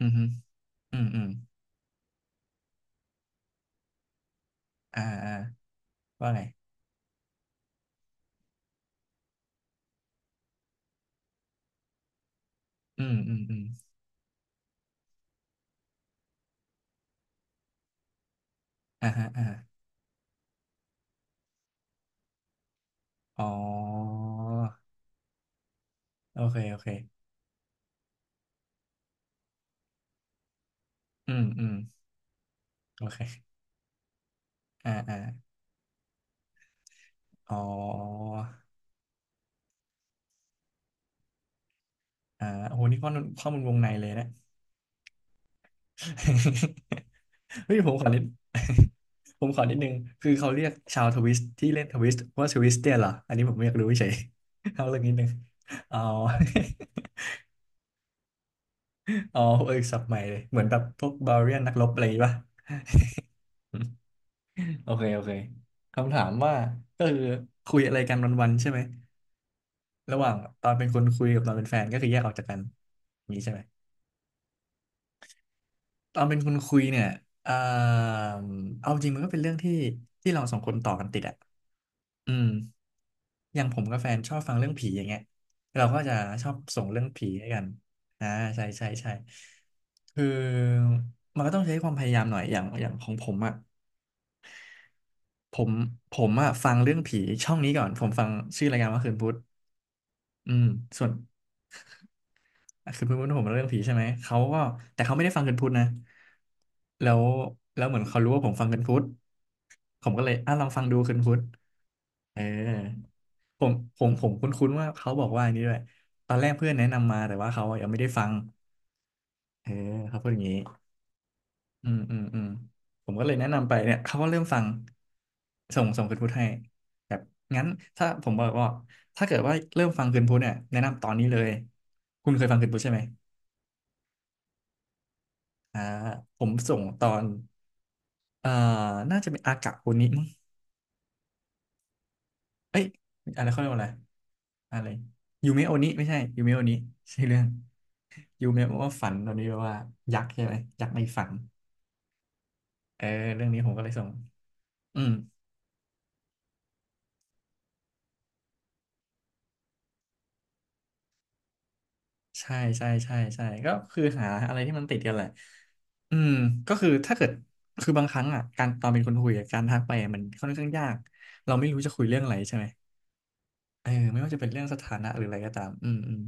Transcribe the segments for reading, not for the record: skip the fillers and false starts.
อืมฮึอืมอืมอ่าอ่าว่าไงอืมอืมอืมอ่าฮะอ่าอ๋อโอเคโอเคอืมอืมโอเคอ่าอ่าอ๋ออ่าโอ้โหนี่ข้อมูลวงในเลยนะ เฮ้ยผมขอนิด ผมขอนิดนึงคือเขาเรียกชาวทวิสต์ที่เล่นทวิสต์ว่าทวิสเตียนเหรออันนี้ผมไม่อยากรู้เฉย เอาเรื่องนิดนึงอ๋อ อ๋อเออศัพท์ใหม่เลย เหมือนแบบพวกบา r เรียนนักรบอะไรอย่างงี้ป่ะ โอเค โอเคคำถามว่าก็คือคุยอะไรกันวันๆใช่ไหมระหว่างตอนเป็นคนคุยกับตอนเป็นแฟนก็คือแยกออกจากกันอย่างนี้ใช่ไหมตอนเป็นคนคุยเนี่ยเอ่อเอาจริงมันก็เป็นเรื่องที่เราสองคนต่อกันติดอ่ะอืมอย่างผมกับแฟนชอบฟังเรื่องผีอย่างเงี้ยเราก็จะชอบส่งเรื่องผีให้กันอ่าใช่ใช่ใช่คือมันก็ต้องใช้ความพยายามหน่อยอย่างของผมอ่ะผมผมอ่ะฟังเรื่องผีช่องนี้ก่อน ผมฟังชื่อรายการว่าคืนพุธ อืมส่วนคือเพื่อนผมเรื่องผีใช่ไหมเขาก็แต่เขาไม่ได้ฟังกันพุทธนะแล้วแล้วเหมือนเขารู้ว่าผมฟังกันพุทธผมก็เลยอ่ะลองฟังดูกันพุทธเออผมคุ้นๆว่าเขาบอกว่าอันนี้ด้วยตอนแรกเพื่อนแนะนำมาแต่ว่าเขายังไม่ได้ฟังเออเขาพูดอย่างนี้อืมอืมอืมผมก็เลยแนะนำไปเนี่ยเขาก็เริ่มฟังส่งคืนพุทธให้แบบงั้นถ้าผมบอกว่าถ้าเกิดว่าเริ่มฟังคืนพุทธเนี่ยแนะนำตอนนี้เลยคุณเคยฟังคืนพุทธใช่ไหม อ่าผมส่งตอนเอ่อน่าจะเป็นอากะโอนิมั้งเอ้ยอะไรเขาเรียกว่าอะไรอะไรยูเมะโอนิไม่ใช่ยูเมะโอนิใช่เรื่องยูเมะว่าฝันตอนนี้แปลว่ายักษ์ใช่ไหมยักษ์ในฝันเออเรื่องนี้ผมก็เลยส่งอืมใช่ใช่ใช่ใช่ก็คือหาอะไรที่มันติดกันแหละอืมก็คือถ้าเกิดคือบางครั้งอ่ะการตอนเป็นคนคุยอะการทักไปอะมันค่อนข้างยากเราไม่รู้จะคุยเรื่องอะไรใช่ไหมเออไม่ว่าจะเป็นเรื่องสถานะหรืออะไรก็ตามอืมอืม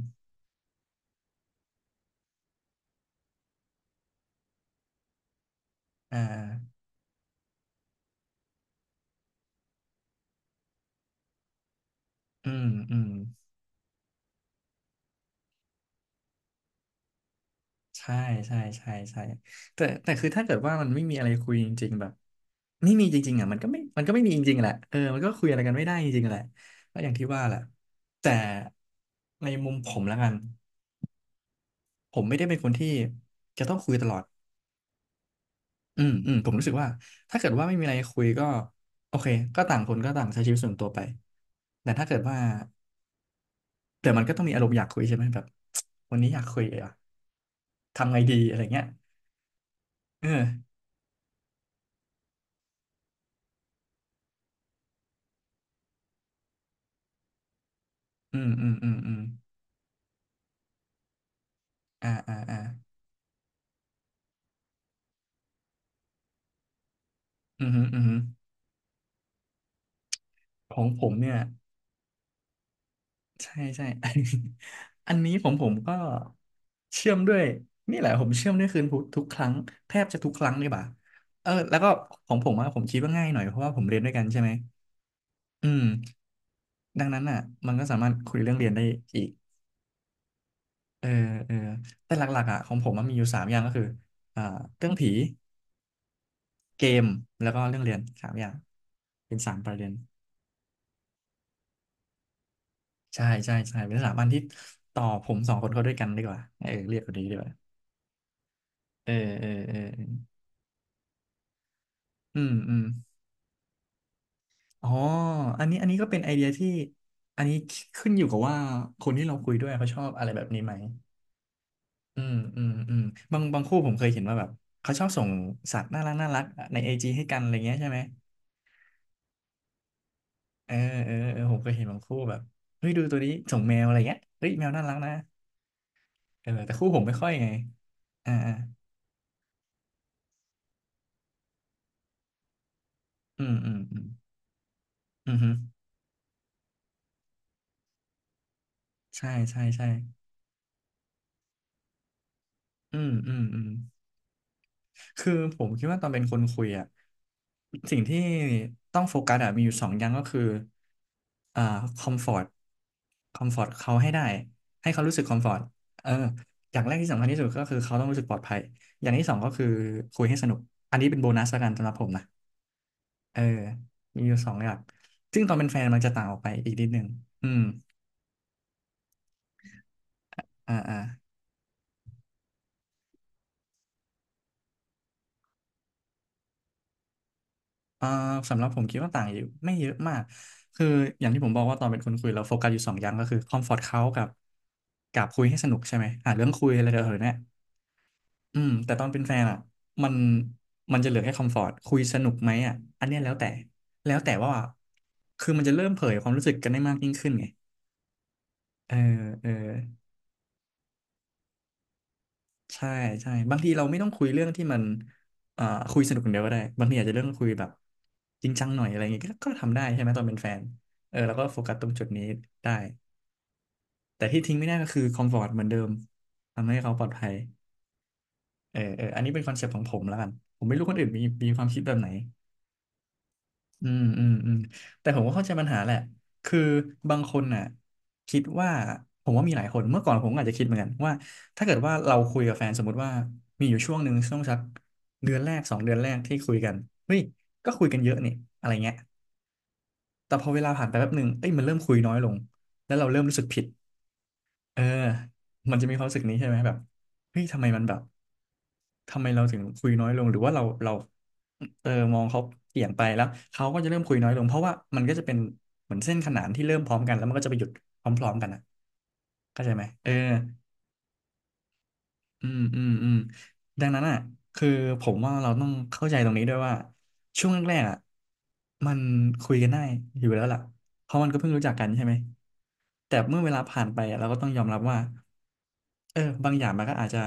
อ่าอืมอืม ใช่ใช่ใช่ใช่แต่คือถ้าเกิดว่ามันไม่มีอะไรคุยจริงๆแบบไม่มีจริงๆอ่ะมันก็ไม่มีจริงๆแหละเออมันก็คุยอะไรกันไม่ได้จริงๆแหละก็อย่างที่ว่าแหละแต่ในมุมผมและกันผมไม่ได้เป็นคนที่จะต้องคุยตลอดอืมอืมผมรู้สึกว่าถ้าเกิดว่าไม่มีอะไรคุยก็โอเคก็ต่างคนก็ต่างใช้ชีวิตส่วนตัวไปแต่ถ้าเกิดว่าแต่มันก็ต้องมีอารมณ์อยากคุยใช่ไหมแบบ วันนี้อยากคุยอ่ะทำไงดีอะไรเงี้ยเอออืมอืมอืมอืม อ่าอ่าอ่าอือหืออือหือของผมเนี่ยใช่ใช่ อันนี้ผมก็เชื่อมด้วยนี่แหละผมเชื่อมด้วยคืนพุธทุกครั้งแทบจะทุกครั้งเลยบ่าเออแล้วก็ของผมอะผมคิดว่าง่ายหน่อยเพราะว่าผมเรียนด้วยกันใช่ไหมอืมดังนั้นอ่ะมันก็สามารถคุยเรื่องเรียนได้อีกเออเออแต่หลักๆอ่ะของผมมันมีอยู่สามอย่างก็คืออ่าเรื่องผีเกมแล้วก็เรื่องเรียนสามอย่างเป็นสามประเด็น ใช่ใช่ใช่เป็นสถาบันที่ต่อผมสองคนเขาด้วยกันดีกว่าเออเรียกคนนี้ดีกว่าเออเออเออเอออืมอืมอ๋ออันนี้ก็เป็นไอเดียที่อันนี้ขึ้นอยู่กับว่าคนที่เราคุยด้วยเขาชอบอะไรแบบนี้ไหมอืมอืมอืมบางคู่ผมเคยเห็นว่าแบบเขาชอบส่งสัตว์น่ารักน่ารักในไอจีให้กันอะไรเงี้ยใช่ไหมเออเออเออผมเคยเห็นบางคู่แบบเฮ้ยดูตัวนี้ส่งแมวอะไรเงี้ยเฮ้ยแมวน่ารักนะเออแต่คู่ผมไม่ค่อยไงอ่าอ่าอืมอืมอืมอืมฮึใช่ใช่ใช่ อืมอืมอืมคือผมคิดว่าตอนเป็นคนคุยอ่ะสิ่งที่ต้องโฟกัสอ่ะมีอยู่สองอย่างก็คืออ่าคอมฟอร์ตคอมฟอร์ตเขาให้ได้ให้เขารู้สึกคอมฟอร์ตเอออย่างแรกที่สำคัญที่สุดก็คือเขาต้องรู้สึกปลอดภัยอย่างที่สองก็คือคุยให้สนุกอันนี้เป็นโบนัสละกันสำหรับผมนะเออมีอยู่สองอย่างซึ่งตอนเป็นแฟนมันจะต่างออกไปอีกนิดนึงอืมอ่าอ่า อ่าสำหรับผมคิดว่าต่างอยู่ไม่เยอะมากคืออย่างที่ผมบอกว่าตอนเป็นคนคุยเราโฟกัสอยู่สองอย่างก็คือคอมฟอร์ตเขากับคุยให้สนุกใช่ไหมหาเรื่องคุยอะไรเดี๋ยวเนี่ยอืมแต่ตอนเป็นแฟนอ่ะมันมันจะเหลือแค่คอมฟอร์ตคุยสนุกไหมอ่ะอันเนี้ยแล้วแต่แล้วแต่ว่าคือมันจะเริ่มเผยความรู้สึกกันได้มากยิ่งขึ้นไงเออเออ ใช่ใช่บางทีเราไม่ต้องคุยเรื่องที่มันเอ่อคุยสนุกอย่างเดียวก็ได้บางทีอาจจะเรื่องคุยแบบจริงจังหน่อยอะไรอย่างเงี้ยก็ทำได้ใช่ไหมตอนเป็นแฟนเออแล้วก็โฟกัสตรงจุดนี้ได้แต่ที่ทิ้งไม่ได้ก็คือคอมฟอร์ตเหมือนเดิมทำให้เขาปลอดภัยเออเอออันนี้เป็นคอนเซ็ปต์ของผมแล้วกันผมไม่รู้คนอื่นมีความคิดแบบไหน อืมอืมอืมแต่ผมก็เข้าใจปัญหาแหละคือบางคนน่ะคิดว่าผมว่ามีหลายคนเมื่อก่อนผมก็อาจจะคิดเหมือนกันว่าถ้าเกิดว่าเราคุยกับแฟนสมมติว่ามีอยู่ช่วงหนึ่งช่วงสักเดือนแรกสองเดือนแรกที่คุยกันเฮ้ยก็คุยกันเยอะนี่อะไรเงี้ยแต่พอเวลาผ่านไปแป๊บหนึ่งเอ้ยมันเริ่มคุยน้อยลงแล้วเราเริ่มรู้สึกผิดเออมันจะมีความรู้สึกนี้ใช่ไหมแบบเฮ้ยทำไมมันแบบ ทำไมเราถึงคุยน้อยลงหรือว่าเราเออมองเขาเปลี่ยนไปแล้วเขาก็จะเริ่มคุยน้อยลงเพราะว่ามันก็จะเป็นเหมือนเส้นขนานที่เริ่มพร้อมกันแล้วมันก็จะไปหยุดพร้อมๆกันอ่ะเข้าใจไหมเอออืมอืมอืมดังนั้นอ่ะคือผมว่าเราต้องเข้าใจตรงนี้ด้วยว่าช่วงแรกๆอ่ะมันคุยกันได้อยู่แล้วล่ะเพราะมันก็เพิ่งรู้จักกันใช่ไหม แต่เมื่อเวลาผ่านไปอะเราก็ต้องยอมรับว่าเออบางอย่างมันก็อาจจะ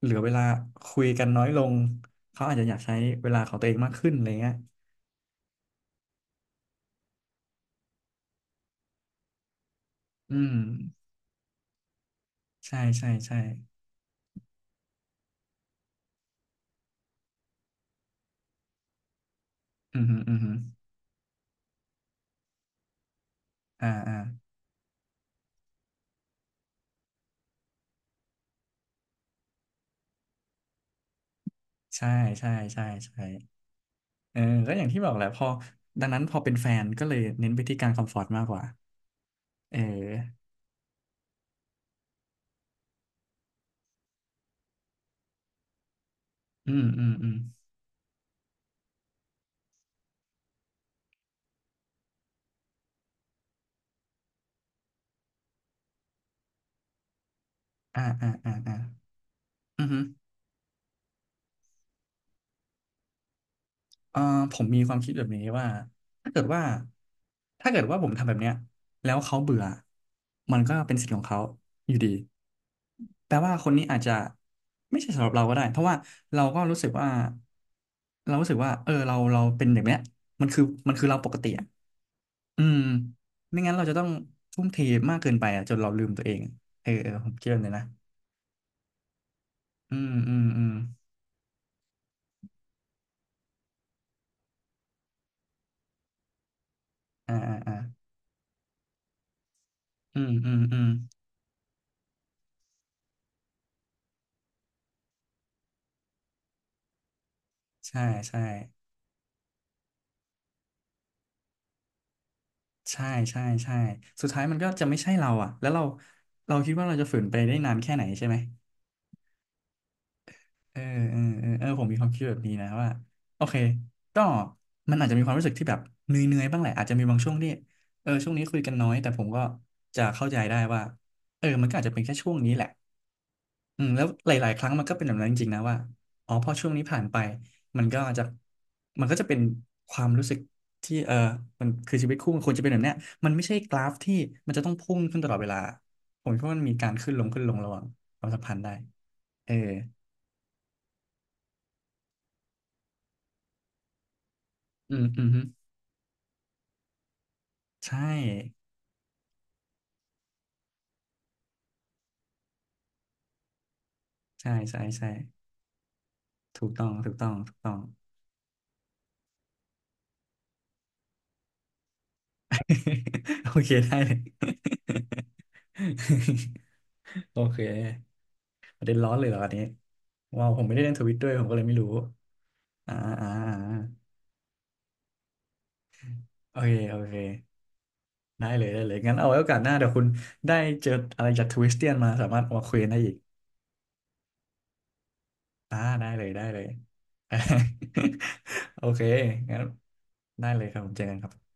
เหลือเวลาคุยกันน้อยลงเขาอาจจะอยากใช้เวลาของตัวเองมากขึ้นอะไรเงี้ยอืมใช่ใช่ใช่อืมฮึอืมฮึอ่าอ่าใช่ใช่ใช่ใช่เออก็อย่างที่บอกแหละพอดังนั้นพอเป็นแฟนก็เลยเน้นไปที่การคอมฟอร์ตมากกว่าเอออืมอืมอืมอ่าอ่าอ่าอ่าอืมฮึ เอ่อผมมีความคิดแบบนี้ว่าถ้าเกิดว่าถ้าเกิดว่าผมทำแบบเนี้ยแล้วเขาเบื่อมันก็เป็นสิทธิ์ของเขาอยู่ดีแปลว่าคนนี้อาจจะไม่ใช่สำหรับเราก็ได้เพราะว่าเราก็รู้สึกว่าเรารู้สึกว่าเออเราเป็นแบบเนี้ยมันคือมันคือเราปกติอะอืมไม่งั้นเราจะต้องทุ่มเทมากเกินไปอะจนเราลืมตัวเองเออเออผมคิดแบบนี้นะอืมอืมอืมอ่าอ่าอ่าอืมอืมอืมใช่ใช่ ใช่ใช่ใช่สุดท้ายมันก็จะไม่ใช่เราอ่ะแล้วเราเราคิดว่าเราจะฝืนไปได้นานแค่ไหนใช่ไหมเออเออเออเออผมมีความคิดแบบนี้นะว่าโอเคก็มันอาจจะมีความรู้สึกที่แบบเหนื่อยๆบ้างแหละอาจจะมีบางช่วงที่เออช่วงนี้คุยกันน้อยแต่ผมก็จะเข้าใจได้ว่าเออมันก็อาจจะเป็นแค่ช่วงนี้แหละ อืมแล้วหลายๆครั้งมันก็เป็นแบบนั้นจริงๆนะว่าอ๋อพอช่วงนี้ผ่านไปมันก็จะมันก็จะเป็นความรู้สึกที่เออมันคือชีวิตคู่มันควรจะเป็นแบบเนี้ยมันไม่ใช่กราฟที่มันจะต้องพุ่งขึ้นตลอดเวลาผมคิดว่ามันมีการขึ้นลงขึ้นลงระหว่างความสัมพันธ์ได้เอออืมอืมฮึใช่ใช่ใช่ใช่ถูกต้องถูกต้องถูกต้อง โอเคได้เลย โอเคประเด็นร้อนเลยเหรออันนี้ว้าวผมไม่ได้เล่นทวิตด้วยผมก็เลยไม่รู้ อ่าอ่าอ่าโอเคโอเคได้เลยได้เลยงั้นเอาไว้โอกาสหน้าเดี๋ยวคุณได้เจออะไรจากทวิสเตียนมาสามารถเอามาคุยกันได้อีกอ่าได้เลยได้เลย โอเคงั้นได้เลยครับผมเจอกันครับ